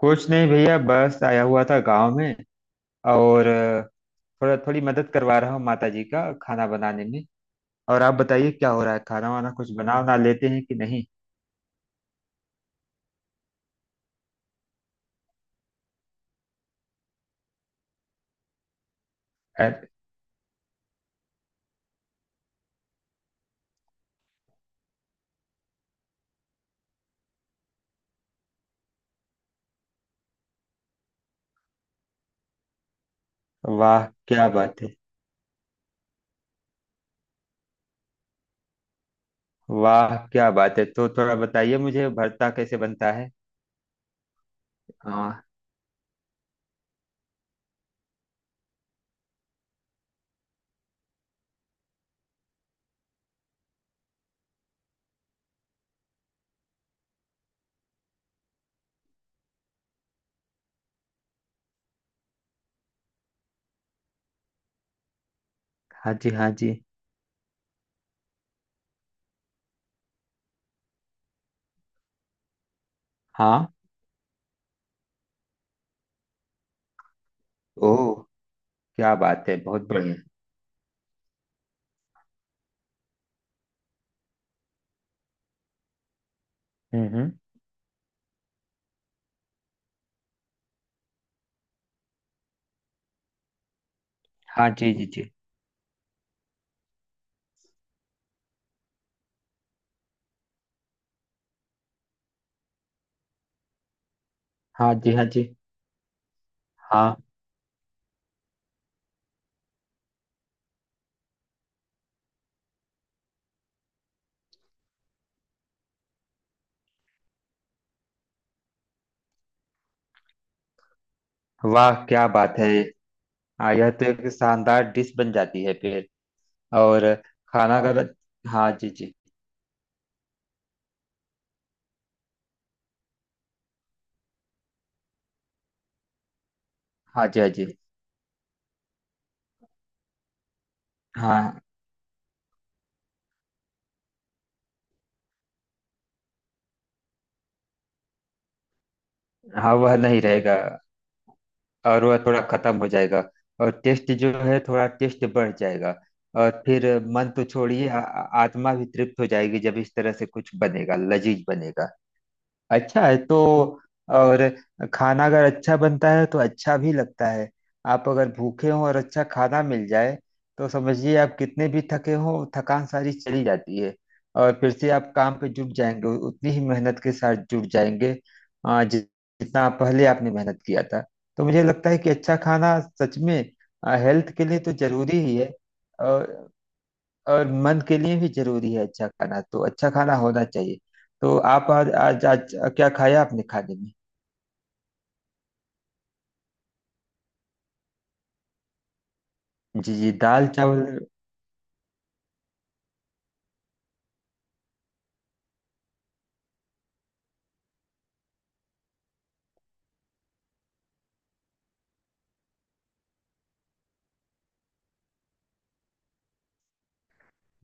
कुछ नहीं भैया, बस आया हुआ था गांव में। और थोड़ा थोड़ी मदद करवा रहा हूँ माता जी का खाना बनाने में। और आप बताइए क्या हो रहा है, खाना वाना कुछ बना ना लेते हैं कि नहीं। अरे, वाह क्या बात है। वाह क्या बात है, तो थोड़ा बताइए मुझे भरता कैसे बनता है। हाँ। हाँ जी हाँ जी हाँ। ओह। क्या बात है, बहुत बढ़िया। हम्म। हाँ जी जी जी। हाँ जी हाँ जी हाँ। वाह क्या बात है। हाँ, यह तो एक शानदार डिश बन जाती है फिर। और खाना का तो-। हाँ जी जी। हाँ जी हाँ जी हाँ। हाँ वह नहीं रहेगा। और वह थोड़ा खत्म हो जाएगा। और टेस्ट जो है थोड़ा टेस्ट बढ़ जाएगा। और फिर मन तो छोड़िए, आत्मा भी तृप्त हो जाएगी जब इस तरह से कुछ बनेगा, लजीज बनेगा। अच्छा है तो। और खाना अगर अच्छा बनता है तो अच्छा भी लगता है। आप अगर भूखे हों और अच्छा खाना मिल जाए तो समझिए आप कितने भी थके हों, थकान सारी चली जाती है। और फिर से आप काम पे जुट जाएंगे, उतनी ही मेहनत के साथ जुट जाएंगे। आ, जि- जितना पहले आपने मेहनत किया था। तो मुझे लगता है कि अच्छा खाना सच में हेल्थ के लिए तो जरूरी ही है। और मन के लिए भी जरूरी है अच्छा खाना, तो अच्छा खाना होना चाहिए। तो आप आज आज, आज क्या खाया आपने खाने में। जी जी दाल चावल।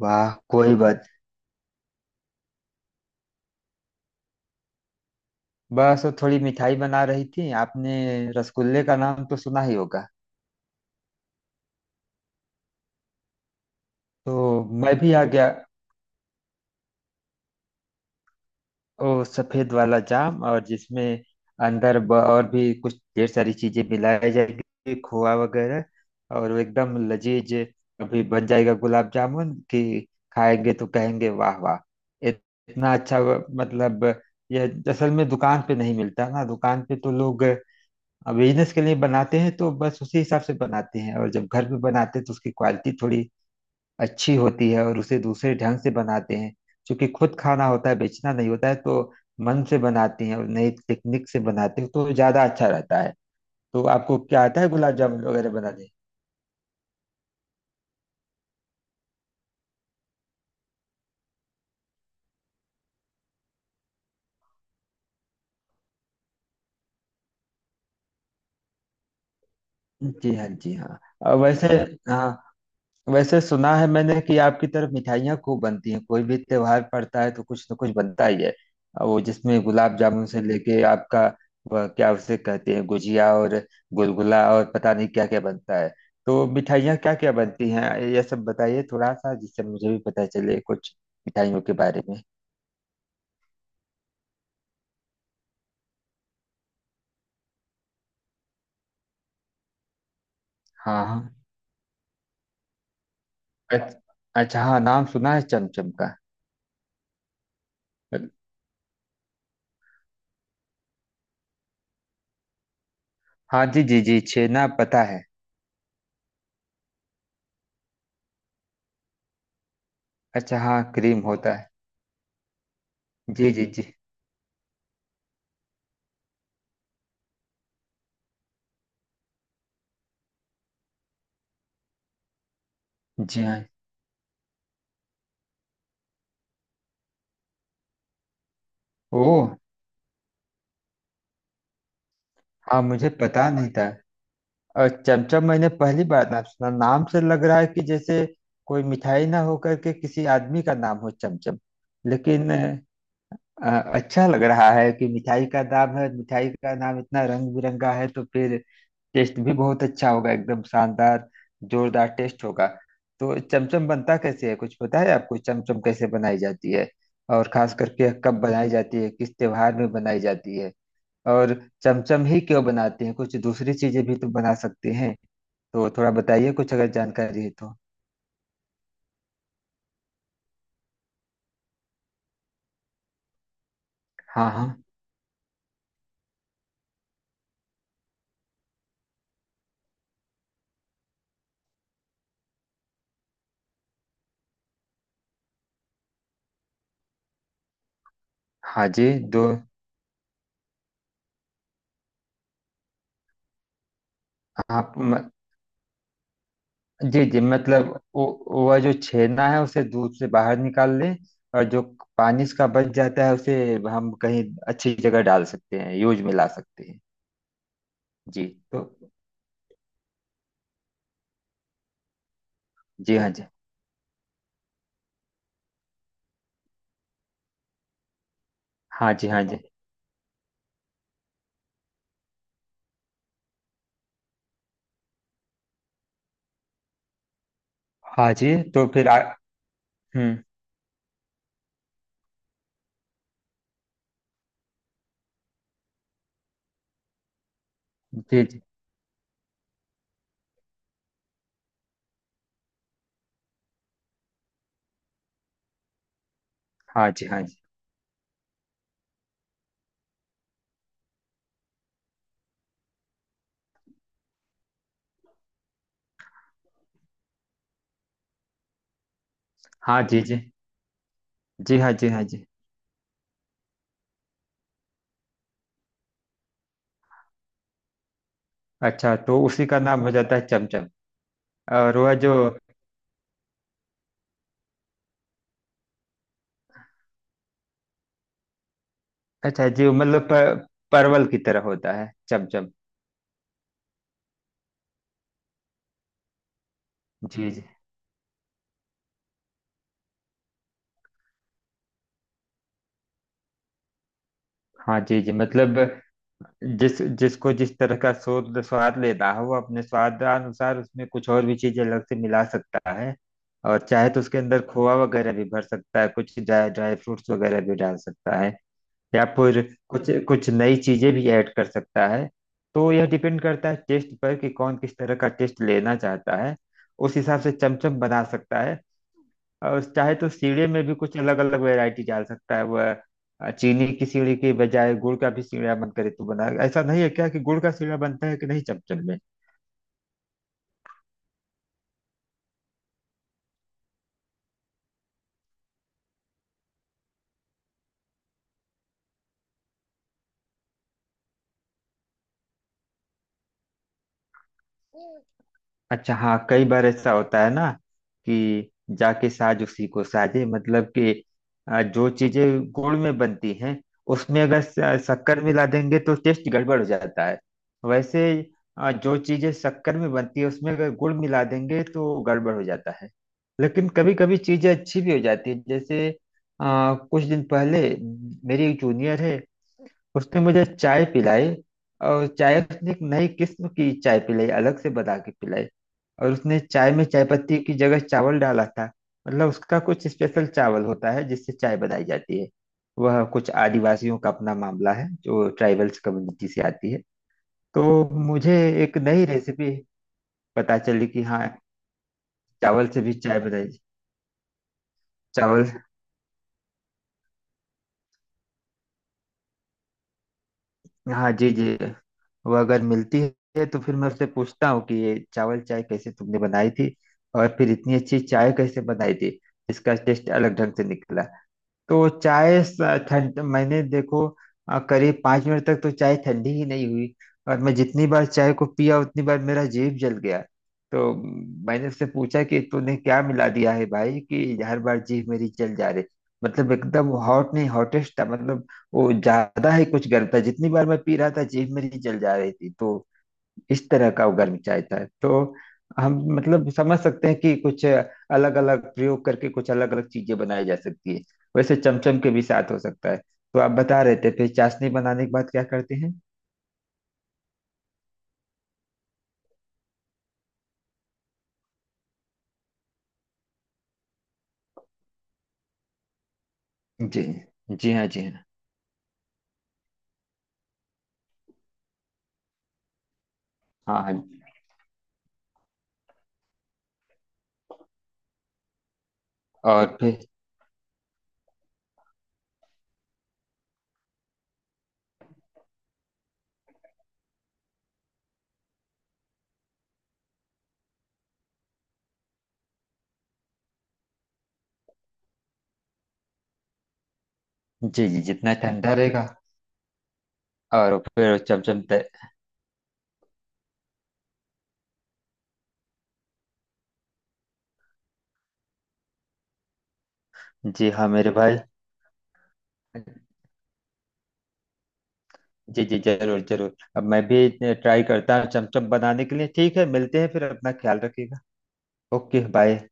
वाह कोई बात। बस वो थोड़ी मिठाई बना रही थी आपने। रसगुल्ले का नाम तो सुना ही होगा। तो मैं भी आ गया। ओ सफेद वाला जाम, और जिसमें अंदर और भी कुछ ढेर सारी चीजें मिलाई जाएगी, खोआ वगैरह। और वो एकदम लजीज अभी बन जाएगा, गुलाब जामुन कि खाएंगे तो कहेंगे वाह वाह। इत- इतना अच्छा मतलब, यह असल में दुकान पे नहीं मिलता ना। दुकान पे तो लोग बिजनेस के लिए बनाते हैं तो बस उसी हिसाब से बनाते हैं, और जब घर पे बनाते हैं तो उसकी क्वालिटी थोड़ी अच्छी होती है और उसे दूसरे ढंग से बनाते हैं। क्योंकि खुद खाना होता है, बेचना नहीं होता है, तो मन से बनाती हैं और नई टेक्निक से बनाते हैं तो ज्यादा अच्छा रहता है। तो आपको क्या आता है, गुलाब जामुन वगैरह बनाने। जी हाँ जी हाँ। और वैसे। हाँ, वैसे सुना है मैंने कि आपकी तरफ मिठाइयाँ खूब बनती हैं, कोई भी त्योहार पड़ता है तो कुछ न कुछ बनता ही है। और वो जिसमें गुलाब जामुन से लेके आपका, वह क्या उसे कहते हैं, गुजिया और गुलगुला और पता नहीं क्या क्या बनता है। तो मिठाइयाँ क्या क्या बनती हैं, ये सब बताइए थोड़ा सा जिससे मुझे भी पता चले कुछ मिठाइयों के बारे में। हाँ हाँ। अच्छा। अच्छा, हाँ नाम सुना है चमचम का। हाँ जी जी जी, छेना पता है। अच्छा, हाँ क्रीम होता है। जी जी जी जी हाँ। ओ हाँ, मुझे पता नहीं था। और चमचम मैंने पहली बार नाम सुना, नाम से लग रहा है कि जैसे कोई मिठाई ना होकर के किसी आदमी का नाम हो चमचम। लेकिन अच्छा लग रहा है कि मिठाई का नाम है। मिठाई का नाम इतना रंग बिरंगा है तो फिर टेस्ट भी बहुत अच्छा होगा, एकदम शानदार जोरदार टेस्ट होगा। तो चमचम बनता कैसे है, कुछ पता है आपको चमचम कैसे बनाई जाती है। और खास करके कब बनाई जाती है, किस त्योहार में बनाई जाती है। और चमचम ही क्यों बनाते हैं, कुछ दूसरी चीजें भी तो बना सकते हैं। तो थोड़ा बताइए कुछ अगर जानकारी है तो। हाँ हाँ। हाँ जी दो। आप म- जी जी मतलब, वह जो छेना है उसे दूध से बाहर निकाल लें। और जो पानी इसका बच जाता है उसे हम कहीं अच्छी जगह डाल सकते हैं, यूज में ला सकते हैं। जी तो। जी हाँ जी हाँ जी हाँ जी हाँ। हम्म। जी जी। हाँ जी हाँ जी हाँ। जी जी जी। हाँ जी हाँ जी। अच्छा, तो उसी का नाम हो जाता है चमचम। और वह जो। अच्छा जी मतलब, परवल की तरह होता है चमचम। जी जी। हाँ जी जी मतलब, जिस जिसको जिस तरह का स्वाद स्वाद लेना हो वो अपने स्वाद अनुसार उसमें कुछ और भी चीजें अलग से मिला सकता है। और चाहे तो उसके अंदर खोआ वगैरह भी भर सकता है, कुछ ड्राई ड्राई फ्रूट्स वगैरह भी डाल सकता है। या फिर कुछ कुछ नई चीजें भी ऐड कर सकता है। तो यह डिपेंड करता है टेस्ट पर कि कौन किस तरह का टेस्ट लेना चाहता है, उस हिसाब से चमचम बना सकता है। और चाहे तो सीढ़े में भी कुछ अलग अलग वैरायटी डाल सकता है वह। चीनी की सीढ़ी के बजाय गुड़ का भी सीढ़ा मन करे तो बना, ऐसा नहीं है क्या कि गुड़ का सीढ़ा बनता है कि नहीं चमचम में। अच्छा, हाँ कई बार ऐसा होता है ना कि जाके साज उसी को साजे, मतलब कि जो चीजें गुड़ में बनती हैं उसमें अगर शक्कर मिला देंगे तो टेस्ट गड़बड़ हो जाता है। वैसे जो चीजें शक्कर में बनती है उसमें अगर गुड़ मिला देंगे तो गड़बड़ हो जाता है। लेकिन कभी कभी चीजें अच्छी भी हो जाती है, जैसे अ, कुछ दिन पहले मेरी एक जूनियर है, उसने मुझे चाय पिलाई। और चाय उसने एक नई किस्म की चाय पिलाई, अलग से बना के पिलाई। और उसने चाय में चाय पत्ती की जगह चावल डाला था। मतलब उसका कुछ स्पेशल चावल होता है जिससे चाय बनाई जाती है। वह कुछ आदिवासियों का अपना मामला है, जो ट्राइबल्स कम्युनिटी से आती है। तो मुझे एक नई रेसिपी पता चली कि हाँ, चावल से भी चाय बनाई। चावल। हाँ जी जी। वह अगर मिलती है तो फिर मैं उससे पूछता हूँ कि ये चावल चाय कैसे तुमने बनाई थी, और फिर इतनी अच्छी चाय कैसे बनाई थी। इसका टेस्ट अलग ढंग से निकला। तो ठंड मैंने देखो, करीब 5 मिनट तक तो चाय ठंडी ही नहीं हुई। और मैं जितनी बार चाय को पिया उतनी बार मेरा जीभ जल गया। तो मैंने उससे पूछा कि तूने क्या मिला दिया है भाई कि हर बार जीभ मेरी जल जा रही। मतलब एकदम हॉट नहीं, हॉटेस्ट था मतलब। वो ज्यादा ही कुछ गर्म था, जितनी बार मैं पी रहा था जीभ मेरी जल जा रही थी। तो इस तरह का उगर मचाया है तो हम मतलब समझ सकते हैं कि कुछ अलग अलग प्रयोग करके कुछ अलग अलग चीजें बनाई जा सकती है। वैसे चमचम के भी साथ हो सकता है। तो आप बता रहे थे फिर चाशनी बनाने के बाद क्या करते हैं। जी जी। हाँ जी हाँ। हाँ हाँ। और फिर। जी जी जितना ठंडा रहेगा। और फिर चमचम तय। जी हाँ मेरे भाई। जी जी जरूर जरूर, अब मैं भी ट्राई करता हूँ चमचम बनाने के लिए। ठीक है, मिलते हैं फिर, अपना ख्याल रखिएगा। Okay bye.